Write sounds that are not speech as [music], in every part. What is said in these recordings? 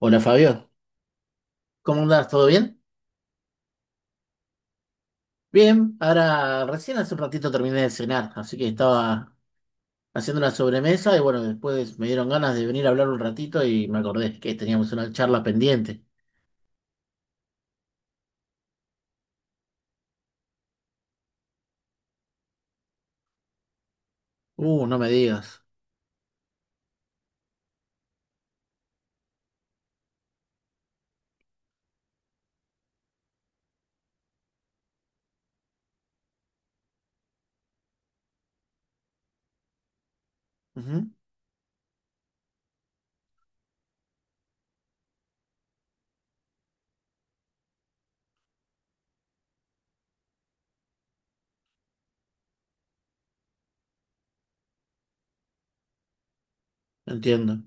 Hola Fabio, ¿cómo andás? ¿Todo bien? Bien, ahora recién hace un ratito terminé de cenar, así que estaba haciendo una sobremesa y bueno, después me dieron ganas de venir a hablar un ratito y me acordé que teníamos una charla pendiente. No me digas. Ujú, entiendo.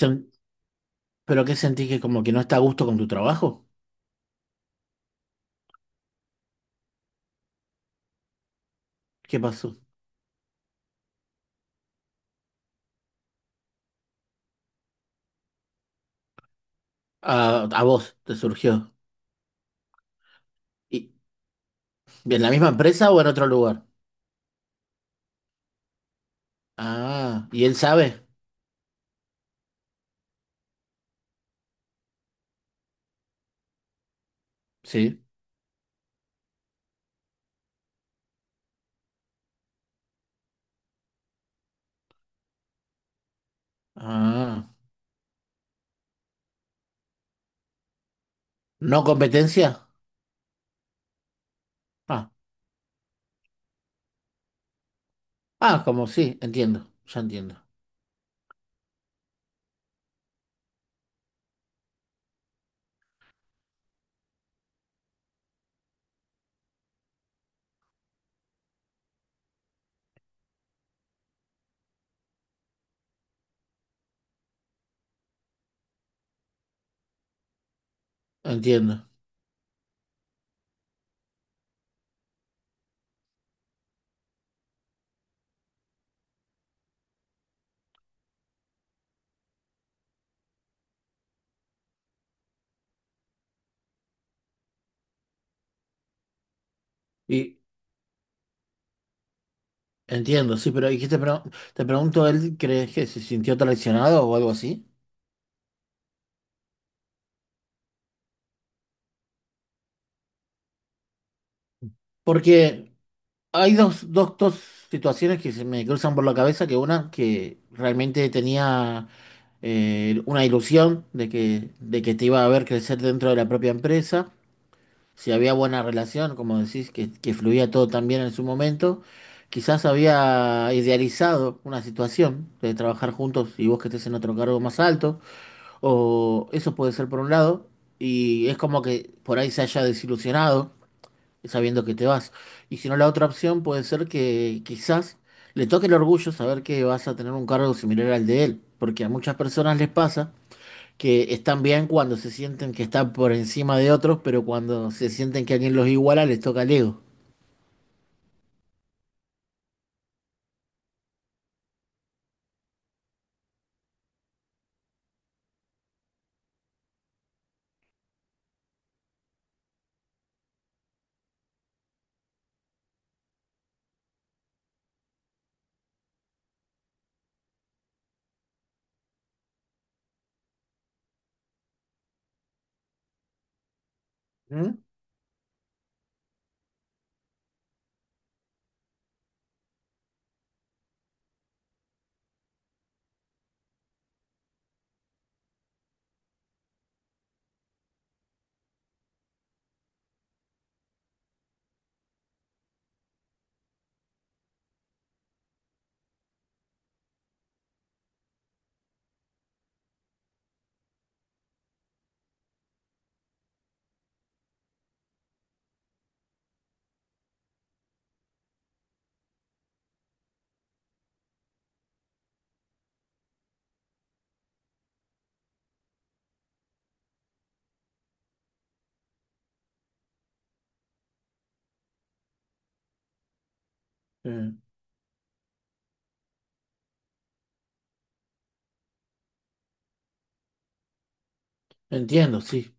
Sen- ¿Pero qué sentís que como que no está a gusto con tu trabajo? ¿Qué pasó? A vos te surgió. ¿Y en la misma empresa o en otro lugar? Ah, ¿y él sabe? Sí. Ah, ¿no competencia? Ah, ah, como sí, entiendo, ya entiendo, entiendo. Y entiendo, sí, pero ¿y qué te, te pregunto, él crees que se sintió traicionado o algo así? Porque hay dos situaciones que se me cruzan por la cabeza, que una que realmente tenía una ilusión de que te iba a ver crecer dentro de la propia empresa. Si había buena relación, como decís, que fluía todo tan bien en su momento, quizás había idealizado una situación de trabajar juntos y vos que estés en otro cargo más alto, o eso puede ser por un lado, y es como que por ahí se haya desilusionado sabiendo que te vas. Y si no, la otra opción puede ser que quizás le toque el orgullo saber que vas a tener un cargo similar al de él, porque a muchas personas les pasa que están bien cuando se sienten que están por encima de otros, pero cuando se sienten que alguien los iguala, les toca el ego. ¿Mm? Eh, Entiendo, sí.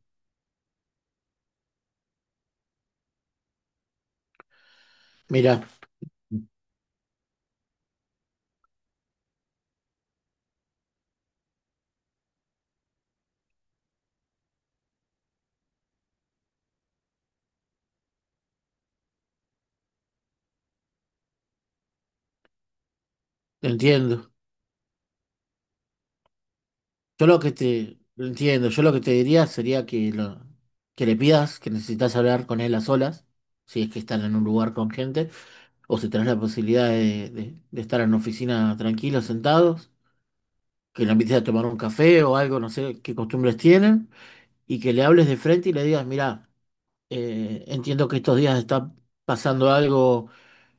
Mira, entiendo. Yo lo que te entiendo, yo lo que te diría sería que que le pidas que necesitas hablar con él a solas, si es que están en un lugar con gente, o si tenés la posibilidad de estar en una oficina tranquilos, sentados, que le invites a tomar un café o algo, no sé qué costumbres tienen, y que le hables de frente y le digas, mira, entiendo que estos días está pasando algo,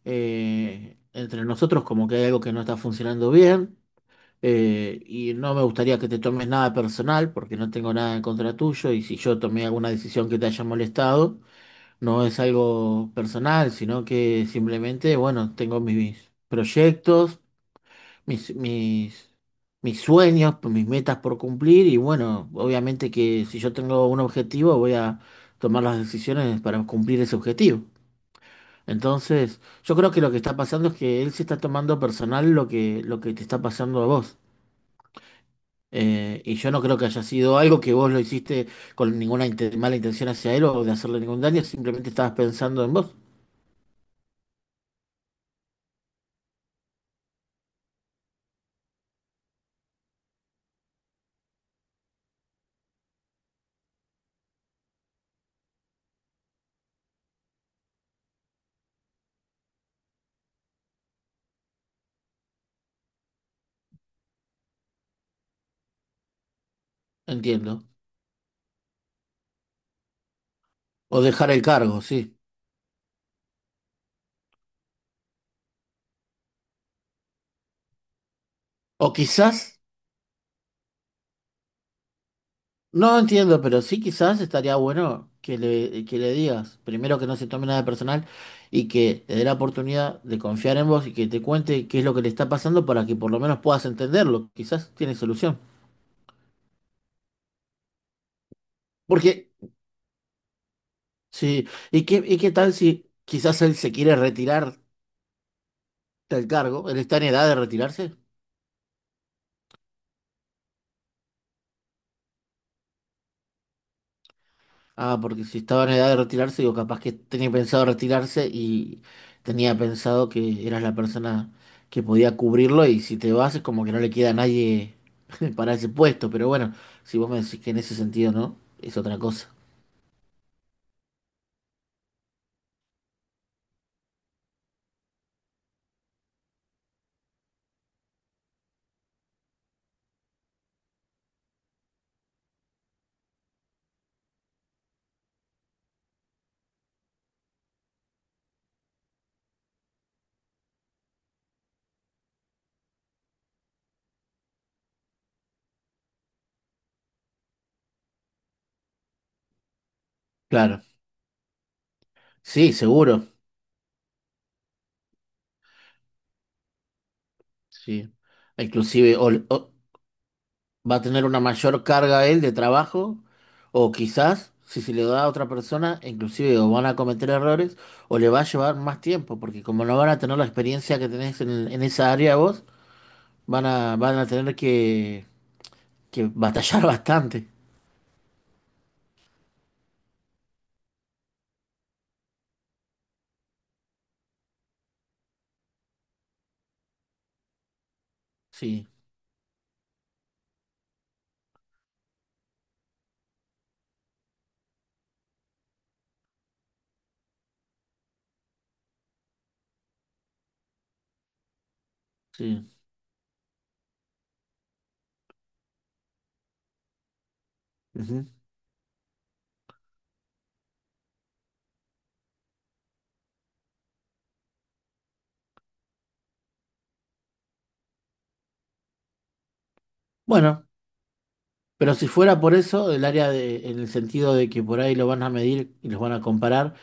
entre nosotros, como que hay algo que no está funcionando bien, y no me gustaría que te tomes nada personal, porque no tengo nada en contra tuyo, y si yo tomé alguna decisión que te haya molestado, no es algo personal, sino que simplemente, bueno, tengo mis proyectos, mis, mis, mis sueños, pues, mis metas por cumplir y bueno, obviamente que si yo tengo un objetivo voy a tomar las decisiones para cumplir ese objetivo. Entonces, yo creo que lo que está pasando es que él se está tomando personal lo que te está pasando a vos. Y yo no creo que haya sido algo que vos lo hiciste con ninguna mala intención hacia él o de hacerle ningún daño, simplemente estabas pensando en vos, entiendo. O dejar el cargo, sí. O quizás... No entiendo, pero sí quizás estaría bueno que que le digas, primero que no se tome nada personal y que te dé la oportunidad de confiar en vos y que te cuente qué es lo que le está pasando para que por lo menos puedas entenderlo. Quizás tiene solución. Porque, sí, y qué tal si quizás él se quiere retirar del cargo? Él está en edad de retirarse. Ah, porque si estaba en edad de retirarse, digo, capaz que tenía pensado retirarse y tenía pensado que eras la persona que podía cubrirlo y si te vas es como que no le queda a nadie [laughs] para ese puesto, pero bueno, si vos me decís que en ese sentido no, es otra cosa. Claro, sí, seguro, sí. Inclusive, va a tener una mayor carga él de trabajo, o quizás, si se le da a otra persona, inclusive o van a cometer errores, o le va a llevar más tiempo, porque como no van a tener la experiencia que tenés en esa área vos, van a tener que batallar [laughs] bastante. Sí, sí. Ujú. Bueno, pero si fuera por eso, el área de, en el sentido de que por ahí lo van a medir y los van a comparar,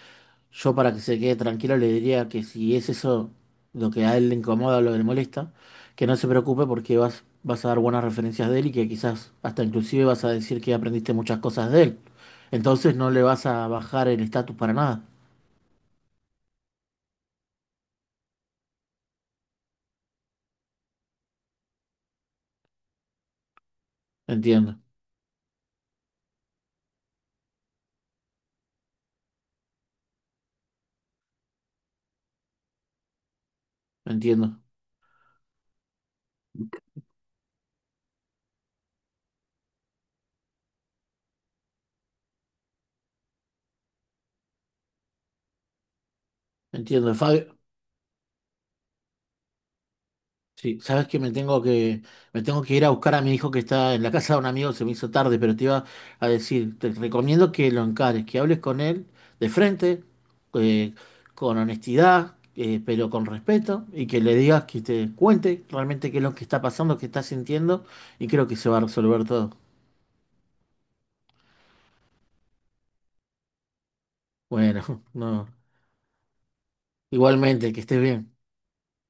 yo para que se quede tranquilo le diría que si es eso lo que a él le incomoda o lo que le molesta, que no se preocupe porque vas a dar buenas referencias de él y que quizás hasta inclusive vas a decir que aprendiste muchas cosas de él. Entonces no le vas a bajar el estatus para nada. Entiendo, entiendo, entiendo. Fabio, sí, sabes que me tengo me tengo que ir a buscar a mi hijo que está en la casa de un amigo, se me hizo tarde, pero te iba a decir, te recomiendo que lo encares, que hables con él de frente, eh, con honestidad, pero con respeto, y que le digas que te cuente realmente qué es lo que está pasando, qué está sintiendo, y creo que se va a resolver todo. Bueno, [laughs] no, igualmente, que estés bien.